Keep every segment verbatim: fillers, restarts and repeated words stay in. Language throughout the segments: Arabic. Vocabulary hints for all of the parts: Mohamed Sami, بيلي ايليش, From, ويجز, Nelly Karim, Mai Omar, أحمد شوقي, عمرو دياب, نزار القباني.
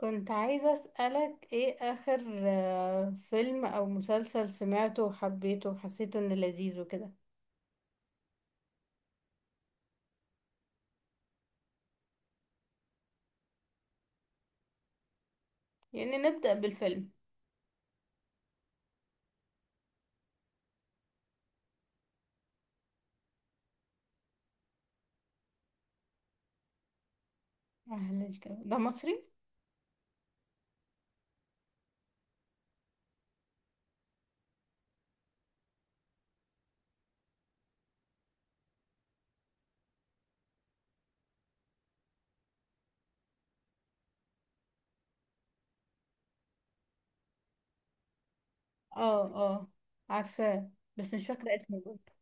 كنت عايزة أسألك إيه آخر آه، فيلم أو مسلسل سمعته وحبيته وحسيته إنه لذيذ وكده. يعني نبدأ بالفيلم. أهلا، الجو ده مصري؟ اه اه، عارفاه، بس مش فاكرة اسمه برضه.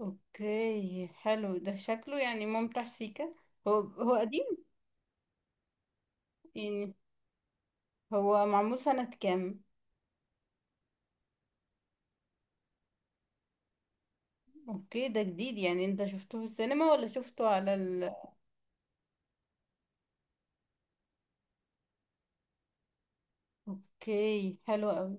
اوكي حلو، ده شكله يعني ممتع سيكا. هو هو قديم يعني؟ هو معمول سنة كام؟ اوكي ده جديد يعني، انت شفته في السينما ولا شفته على ال... اوكي حلو قوي.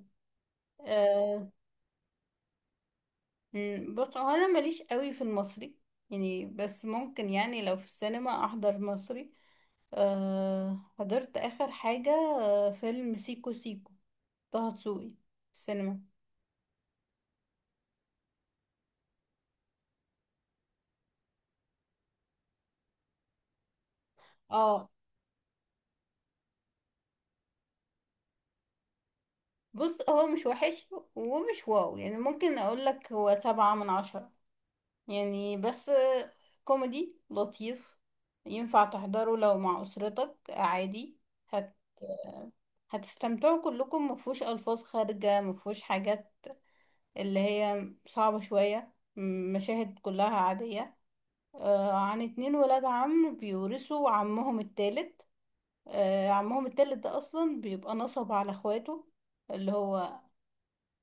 مم، بص هو انا ماليش قوي في المصري يعني، بس ممكن يعني لو في السينما احضر مصري. أه حضرت اخر حاجة آه، فيلم سيكو سيكو طه دسوقي في السينما. اه بص هو مش وحش ومش واو، يعني ممكن اقول لك هو سبعة من عشرة يعني، بس آه، كوميدي لطيف. ينفع تحضره لو مع اسرتك عادي. هت- هتستمتعوا كلكم، مفهوش الفاظ خارجة، مفهوش حاجات اللي هي صعبة شوية، م- مشاهد كلها عادية. آه، عن اتنين ولاد عم بيورثوا عمهم التالت. آه، عمهم التالت ده أصلا بيبقى نصب على اخواته، اللي هو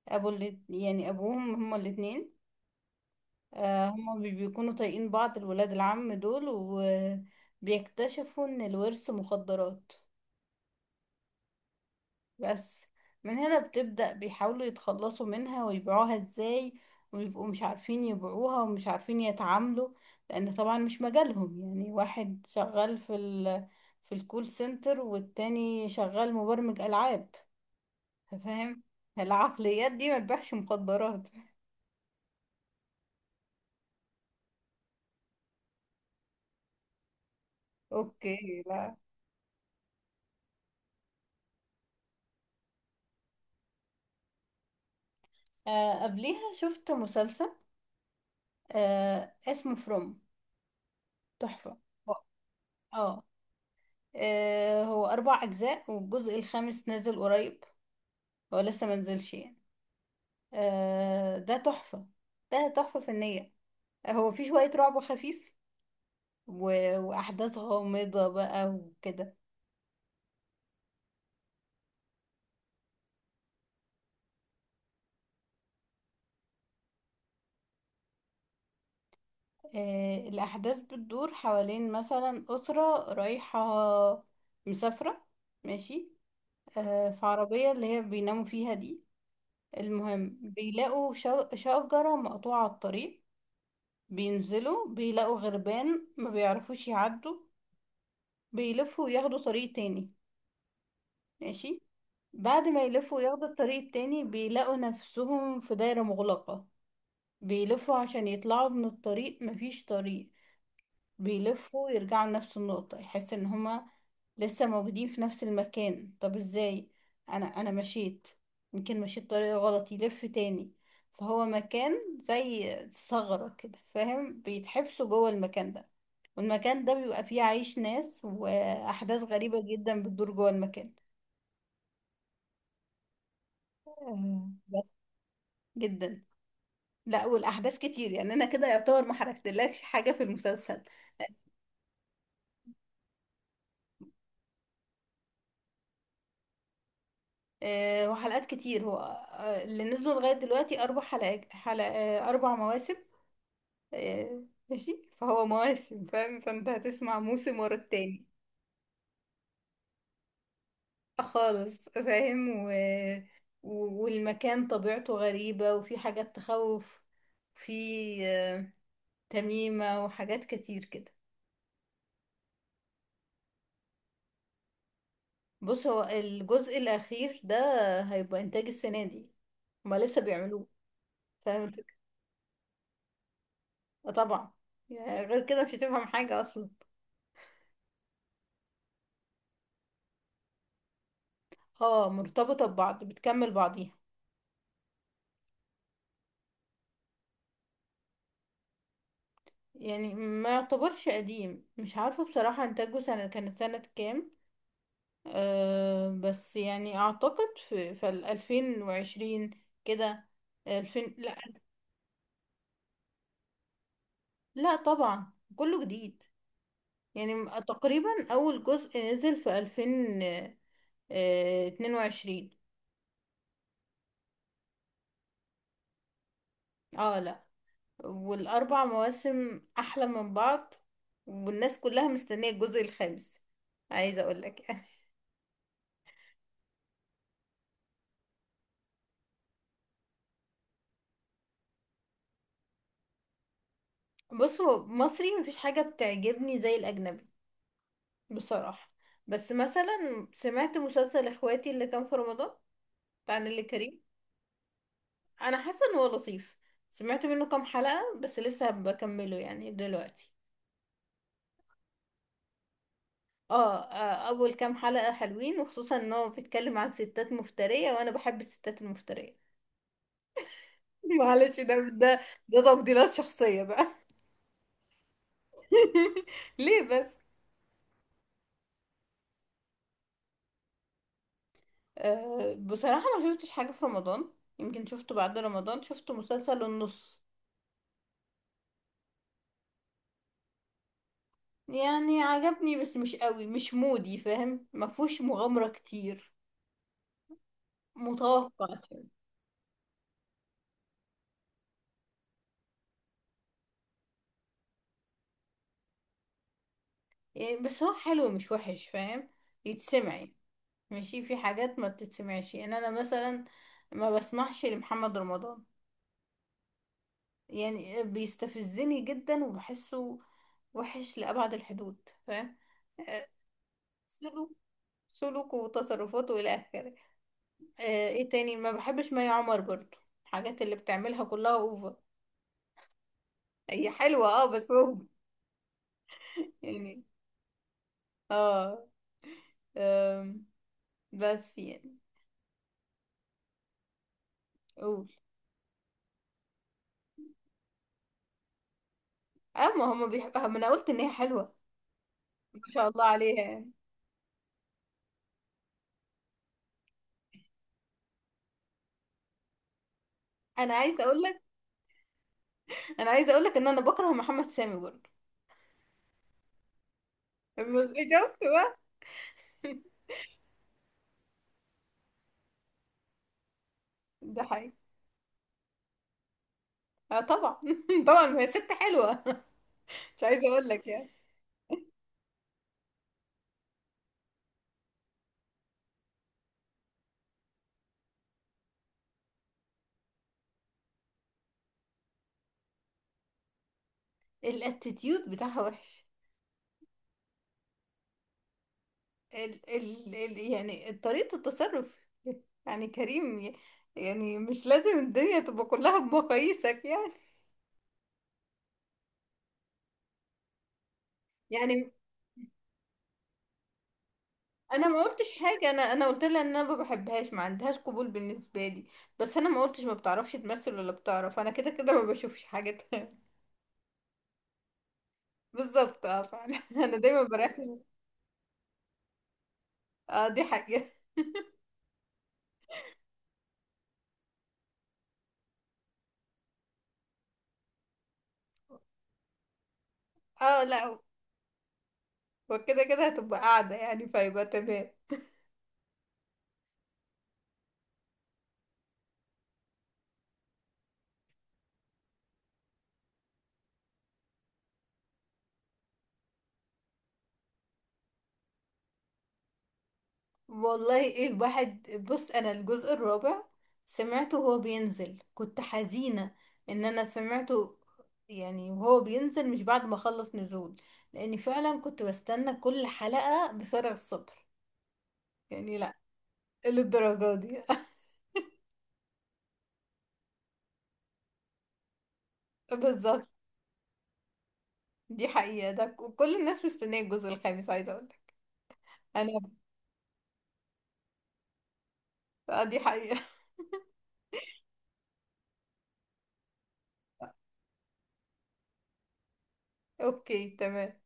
أبو الات- يعني أبوهم هما الاتنين. آه، هما مش بيكونوا طايقين بعض الولاد العم دول. وبيكتشفوا إن الورث مخدرات، بس. من هنا بتبدأ بيحاولوا يتخلصوا منها ويبيعوها ازاي، ويبقوا مش عارفين يبيعوها ومش عارفين يتعاملوا، لأن طبعا مش مجالهم. يعني واحد شغال في ال... في الكول سنتر، والتاني شغال مبرمج ألعاب، فاهم. العقليات دي ما تبيعش مخدرات اوكي لا. آه، قبليها شفت مسلسل آه اسمه فروم، تحفة. اه، آه، هو أربع أجزاء والجزء الخامس نازل قريب، هو لسه منزلش يعني. آه ده تحفة، ده تحفة فنية. هو في شوية رعب خفيف و... وأحداث غامضة بقى وكده. آه الأحداث بتدور حوالين مثلا أسرة رايحة مسافرة، ماشي. آه في عربية اللي هي بيناموا فيها دي. المهم بيلاقوا شج- شجرة مقطوعة على الطريق. بينزلوا بيلاقوا غربان، ما بيعرفوش يعدوا، بيلفوا وياخدوا طريق تاني، ماشي. بعد ما يلفوا ياخدوا الطريق التاني، بيلاقوا نفسهم في دايرة مغلقة. بيلفوا عشان يطلعوا من الطريق، مفيش طريق. بيلفوا يرجعوا لنفس النقطة، يحس ان هما لسه موجودين في نفس المكان. طب ازاي؟ انا انا مشيت، يمكن مشيت طريقة غلط، يلف تاني. فهو مكان زي ثغرة كده فاهم، بيتحبسوا جوه المكان ده، والمكان ده بيبقى فيه عايش ناس، وأحداث غريبة جدا بتدور جوه المكان. آه، بس. جدا. لا والاحداث كتير، يعني انا كده يعتبر ما حركتلكش حاجه في المسلسل. أه وحلقات كتير، هو آه، اللي نزلوا لغايه دلوقتي اربع حلقات حلق آه، اربع مواسم. أه ماشي، فهو مواسم فاهم، فانت هتسمع موسم ورا التاني. خالص فاهم و... و- والمكان طبيعته غريبه، وفي حاجات تخوف، في آه، تميمه وحاجات كتير كده. بص هو الجزء الاخير ده هيبقى انتاج السنه دي، هما لسه بيعملوه، فهمتك. آه طبعا، يعني غير كده مش هتفهم حاجة أصلا. اه مرتبطة ببعض، بتكمل بعضيها. يعني ما يعتبرش قديم، مش عارفة بصراحة إنتاجه سنة كانت سنة كام. أه بس يعني أعتقد في في الألفين وعشرين كده، ألفين، لا. لا طبعا كله جديد، يعني م- تقريبا أول جزء نزل في ألفين آه، اتنين وعشرين. اه لا، والأربع مواسم أحلى من بعض، والناس كلها مستنية الجزء الخامس، عايزة أقولك يعني. بص هو مصري مفيش حاجة بتعجبني زي الأجنبي بصراحة، بس مثلا سمعت مسلسل إخواتي اللي كان في رمضان بتاع نيللي كريم. أنا حاسة إن هو لطيف، سمعت منه كام حلقة بس لسه بكمله يعني دلوقتي. اه آه، أول كام حلقة حلوين، وخصوصا إن هو بيتكلم عن ستات مفترية وأنا بحب الستات المفترية، معلش ده ده ده تفضيلات شخصية بقى ليه بس. أه بصراحة ما شفتش حاجة في رمضان، يمكن شفته بعد رمضان، شفت مسلسل النص. يعني عجبني بس مش قوي، مش مودي فاهم، ما فيهوش مغامرة كتير، متوقع شوية. يعني بس هو حلو مش وحش فاهم، يتسمعي. ماشي في حاجات ما بتتسمعش، يعني انا مثلا ما بسمعش لمحمد رمضان، يعني بيستفزني جدا وبحسه وحش لأبعد الحدود فاهم. آه، سلوك سلوكه وتصرفاته إلى آخره. آه، إيه تاني، ما بحبش مي عمر برضو. الحاجات اللي بتعملها كلها أوفر، هي حلوة أه بس أوفر يعني. أه، آم، بس يعني. قول. أه ما هما بيحب، ما أنا قلت إن هي حلوة، ما شاء الله عليها يعني. أنا عايزة أقول لك أنا عايزة أقول لك إن أنا بكره محمد سامي برضو، بس إيه، شفت بقى. ده حقيقي، أه طبعا طبعا، ما هي ست حلوة مش عايزة أقول لك يعني. الاتيتيود بتاعها وحش، ال ال ال يعني طريقة التصرف، يعني كريم ي- يعني مش لازم الدنيا تبقى كلها بمقاييسك يعني. يعني انا ما قلتش حاجة انا انا قلت لها ان انا ما بحبهاش، ما عندهاش قبول بالنسبة لي. بس انا ما قلتش ما بتعرفش تمثل ولا بتعرف، انا كده كده ما بشوفش حاجة تانية. بالظبط، اه فعلا انا دايما بركز. اه دي حاجة. اه لا، وكده كده هتبقى قاعدة يعني، فيبقى تمام. والله، ايه الواحد، بص انا الجزء الرابع سمعته وهو بينزل، كنت حزينة ان انا سمعته، يعني وهو بينزل مش بعد ما خلص نزول، لاني فعلا كنت بستنى كل حلقة بفارغ الصبر يعني، لا. إيه للدرجة دي. بالظبط، دي حقيقة، ده ك- كل الناس مستنية الجزء الخامس، عايزة اقولك انا. آه، دي حقيقة. اوكي تمام.